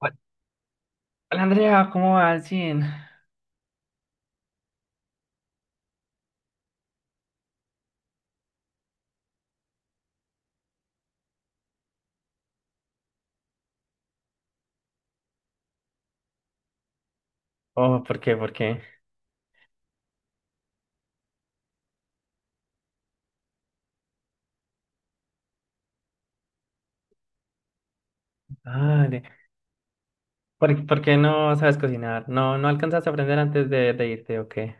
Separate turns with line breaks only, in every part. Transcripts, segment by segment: Hola Andrea, ¿cómo va al fin? Oh, ¿por qué? ¿Por qué? Dale. ¿Por qué no sabes cocinar? ¿No, no alcanzaste a aprender antes de irte o qué?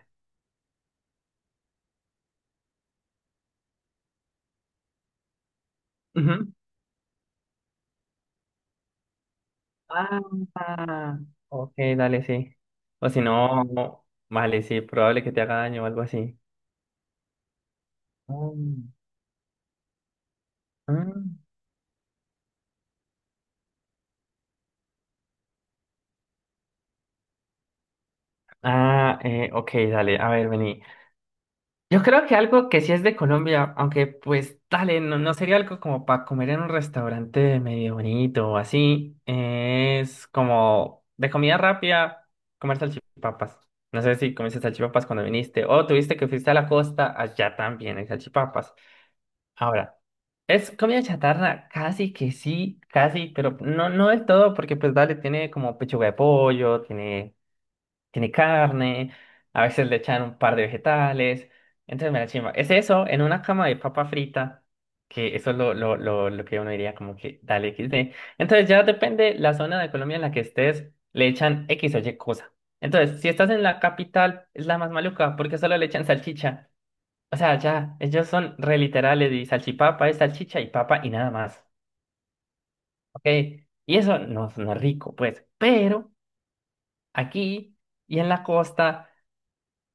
Ujú. Ah, ok, dale, sí. O si no, vale, sí, probable que te haga daño o algo así. Mm. Mm. Ah, ok, dale, a ver, vení. Yo creo que algo que sí es de Colombia, aunque pues dale, no sería algo como para comer en un restaurante medio bonito o así, es como de comida rápida, comer salchipapas. No sé si comiste salchipapas cuando viniste o tuviste que fuiste a la costa, allá también hay salchipapas. Ahora, es comida chatarra, casi que sí, casi, pero no del todo, porque pues dale, tiene como pechuga de pollo, tiene carne, a veces le echan un par de vegetales. Entonces me la chimba. Es eso, en una cama de papa frita, que eso es lo que uno diría como que dale equis de. Entonces ya depende la zona de Colombia en la que estés, le echan X o Y cosa. Entonces, si estás en la capital, es la más maluca, porque solo le echan salchicha. O sea, ya, ellos son re literales y salchipapa es salchicha y papa y nada más. ¿Ok? Y eso no es rico, pues. Pero aquí y en la costa.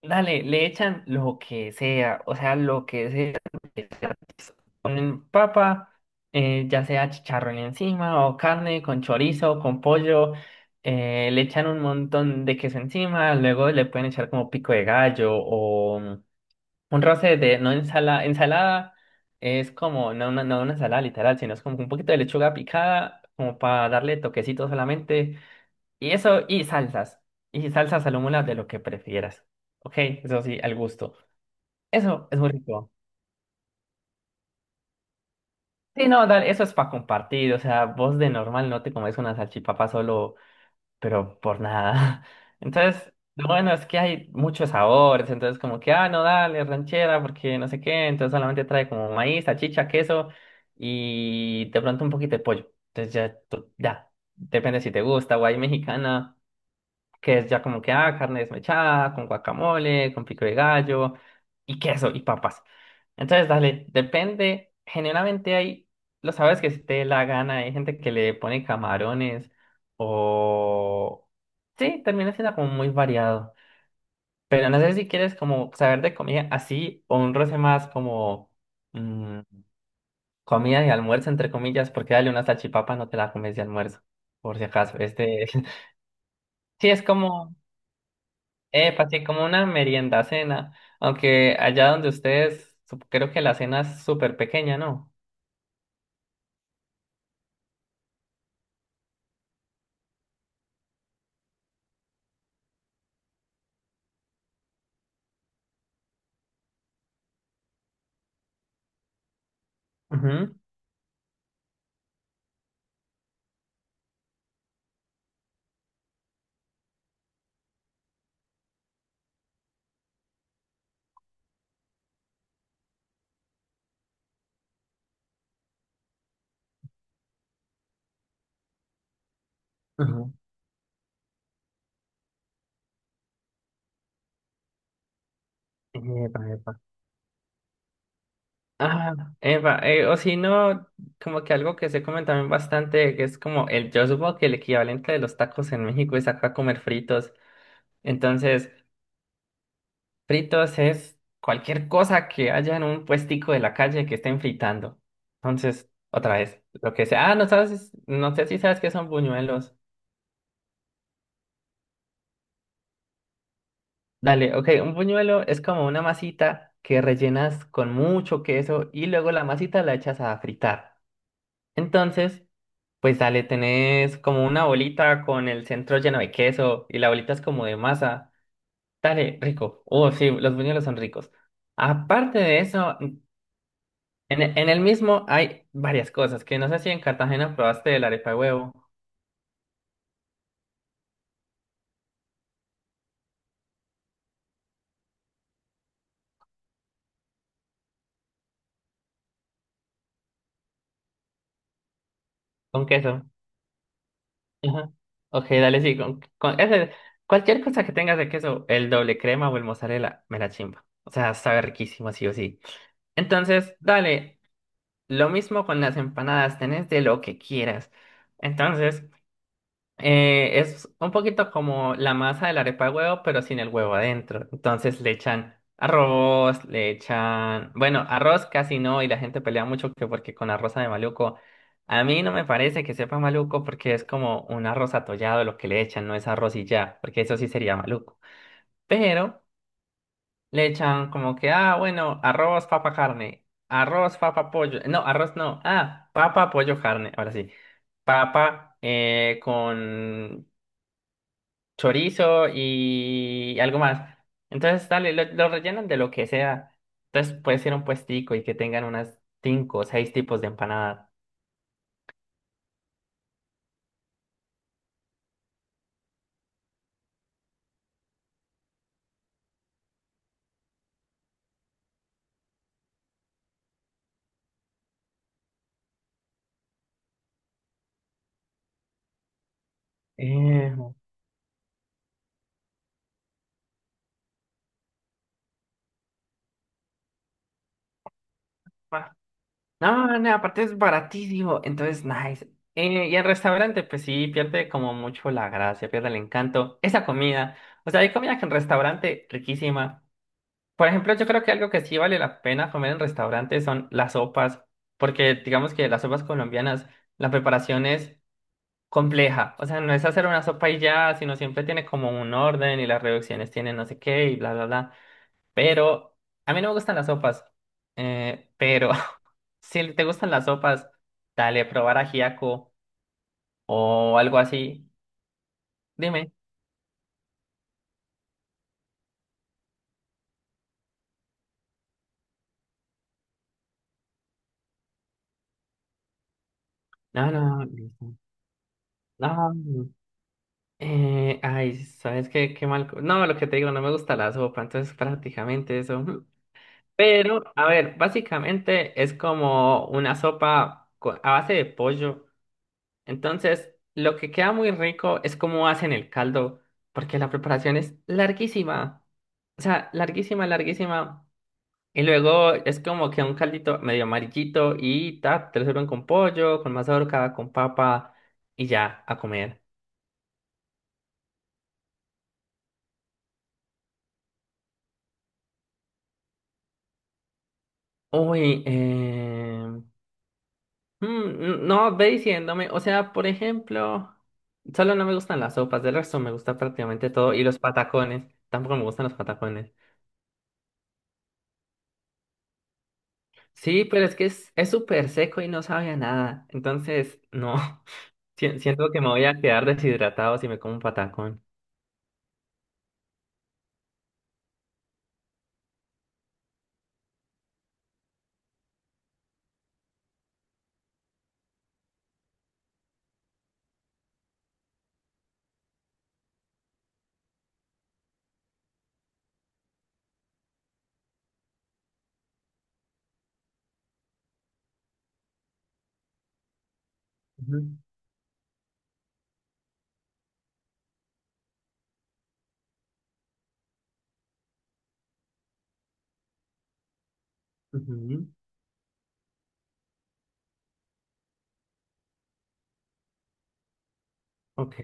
Dale, le echan lo que sea, o sea, lo que sea. Le Ponen papa, ya sea chicharrón encima o carne con chorizo, con pollo. Le echan un montón de queso encima, luego le pueden echar como pico de gallo o un roce de, no ensalada, ensalada es como, no, una no una ensalada literal, sino es como un poquito de lechuga picada, como para darle toquecito solamente y eso, y salsas. Y salsas al de lo que prefieras. Ok, eso sí, al gusto. Eso es muy rico. Sí, no, dale, eso es para compartir. O sea, vos de normal no te comes una salchipapa solo, pero por nada. Entonces, lo bueno es que hay muchos sabores. Entonces, como que, no, dale, ranchera, porque no sé qué. Entonces, solamente trae como maíz, salchicha, queso y de pronto un poquito de pollo. Entonces, ya, ya. Depende si te gusta, o hay mexicana. Que es ya como que, carne desmechada, con guacamole, con pico de gallo, y queso, y papas. Entonces, dale, depende, generalmente hay, lo sabes que si te dé la gana, hay gente que le pone camarones, o... Sí, termina siendo como muy variado. Pero no sé si quieres como saber de comida así, o un roce más como mm, comida de almuerzo, entre comillas, porque dale una salchipapa, no te la comes de almuerzo, por si acaso. Este, sí, es como... Epa, sí, como una merienda cena, aunque allá donde ustedes, creo que la cena es súper pequeña, ¿no? Ujú. Ujú. Epa, epa. Ah, epa, o si no, como que algo que se come también bastante, que es como el, yo supongo que el equivalente de los tacos en México es acá comer fritos. Entonces, fritos es cualquier cosa que haya en un puestico de la calle que estén fritando. Entonces, otra vez, lo que sea, no sabes, no sé si sabes que son buñuelos. Dale, ok, un buñuelo es como una masita que rellenas con mucho queso y luego la masita la echas a fritar. Entonces, pues dale, tenés como una bolita con el centro lleno de queso y la bolita es como de masa. Dale, rico. Oh, sí, los buñuelos son ricos. Aparte de eso, en el mismo hay varias cosas que no sé si en Cartagena probaste el arepa de huevo con queso. Ajá. Ok, dale, sí. Con ese, cualquier cosa que tengas de queso, el doble crema o el mozzarella, me la chimba. O sea, sabe riquísimo, sí o sí. Entonces, dale, lo mismo con las empanadas, tenés de lo que quieras. Entonces, es un poquito como la masa de la arepa de huevo, pero sin el huevo adentro. Entonces le echan arroz, le echan... Bueno, arroz casi no, y la gente pelea mucho que porque con arroz de maluco. A mí no me parece que sepa maluco porque es como un arroz atollado lo que le echan, no es arroz y ya, porque eso sí sería maluco. Pero le echan como que, bueno, arroz, papa, carne, arroz, papa, pollo. No, arroz no, papa, pollo, carne, ahora sí papa con chorizo y algo más. Entonces, dale, lo rellenan de lo que sea. Entonces, puede ser un puestico y que tengan unas cinco o seis tipos de empanadas. Eh, ah, no, no, aparte es baratísimo, entonces, nice. Y el restaurante, pues sí, pierde como mucho la gracia, pierde el encanto. Esa comida, o sea, hay comida que en restaurante riquísima. Por ejemplo, yo creo que algo que sí vale la pena comer en restaurante son las sopas, porque digamos que las sopas colombianas, la preparación es compleja. O sea, no es hacer una sopa y ya, sino siempre tiene como un orden y las reducciones tienen no sé qué y bla, bla, bla. Pero a mí no me gustan las sopas. Pero si te gustan las sopas, dale, probar ajiaco o algo así. Dime. No, no, listo. No. No. Ay, ¿sabes qué? Qué mal. No, lo que te digo, no me gusta la sopa, entonces prácticamente eso. Mm. Pero, a ver, básicamente es como una sopa a base de pollo. Entonces, lo que queda muy rico es cómo hacen el caldo, porque la preparación es larguísima. O sea, larguísima, larguísima. Y luego es como que un caldito medio amarillito y ta, te lo sirven con pollo, con mazorca, con papa y ya, a comer. Uy... No, ve diciéndome. O sea, por ejemplo, solo no me gustan las sopas, del resto me gusta prácticamente todo. Y los patacones, tampoco me gustan los patacones. Sí, pero es que es súper seco y no sabe a nada. Entonces, no, Siento que me voy a quedar deshidratado si me como un patacón. Ujú, ujú, ok.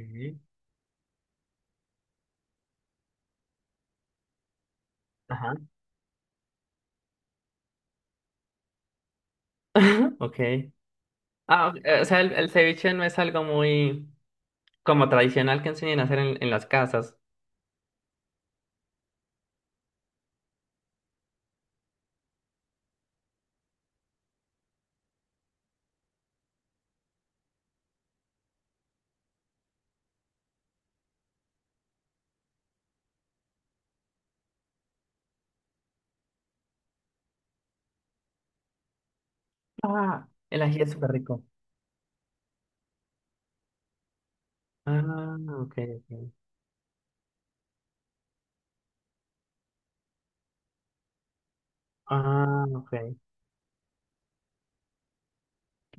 Ajá. Ok. Ah, ok, o sea, el ceviche no es algo muy como tradicional que enseñan a hacer en las casas. Ah, el ají es súper rico. Ah, ok, ok. Ah, ok.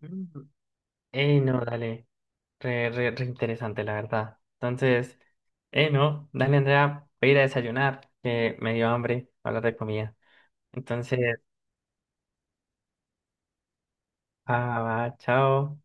Mm. Ey, no, dale. Re, re, re interesante, la verdad. Entonces, no, dale, Andrea, voy a ir a desayunar, que me dio hambre hablar de comida. Entonces, va, chao.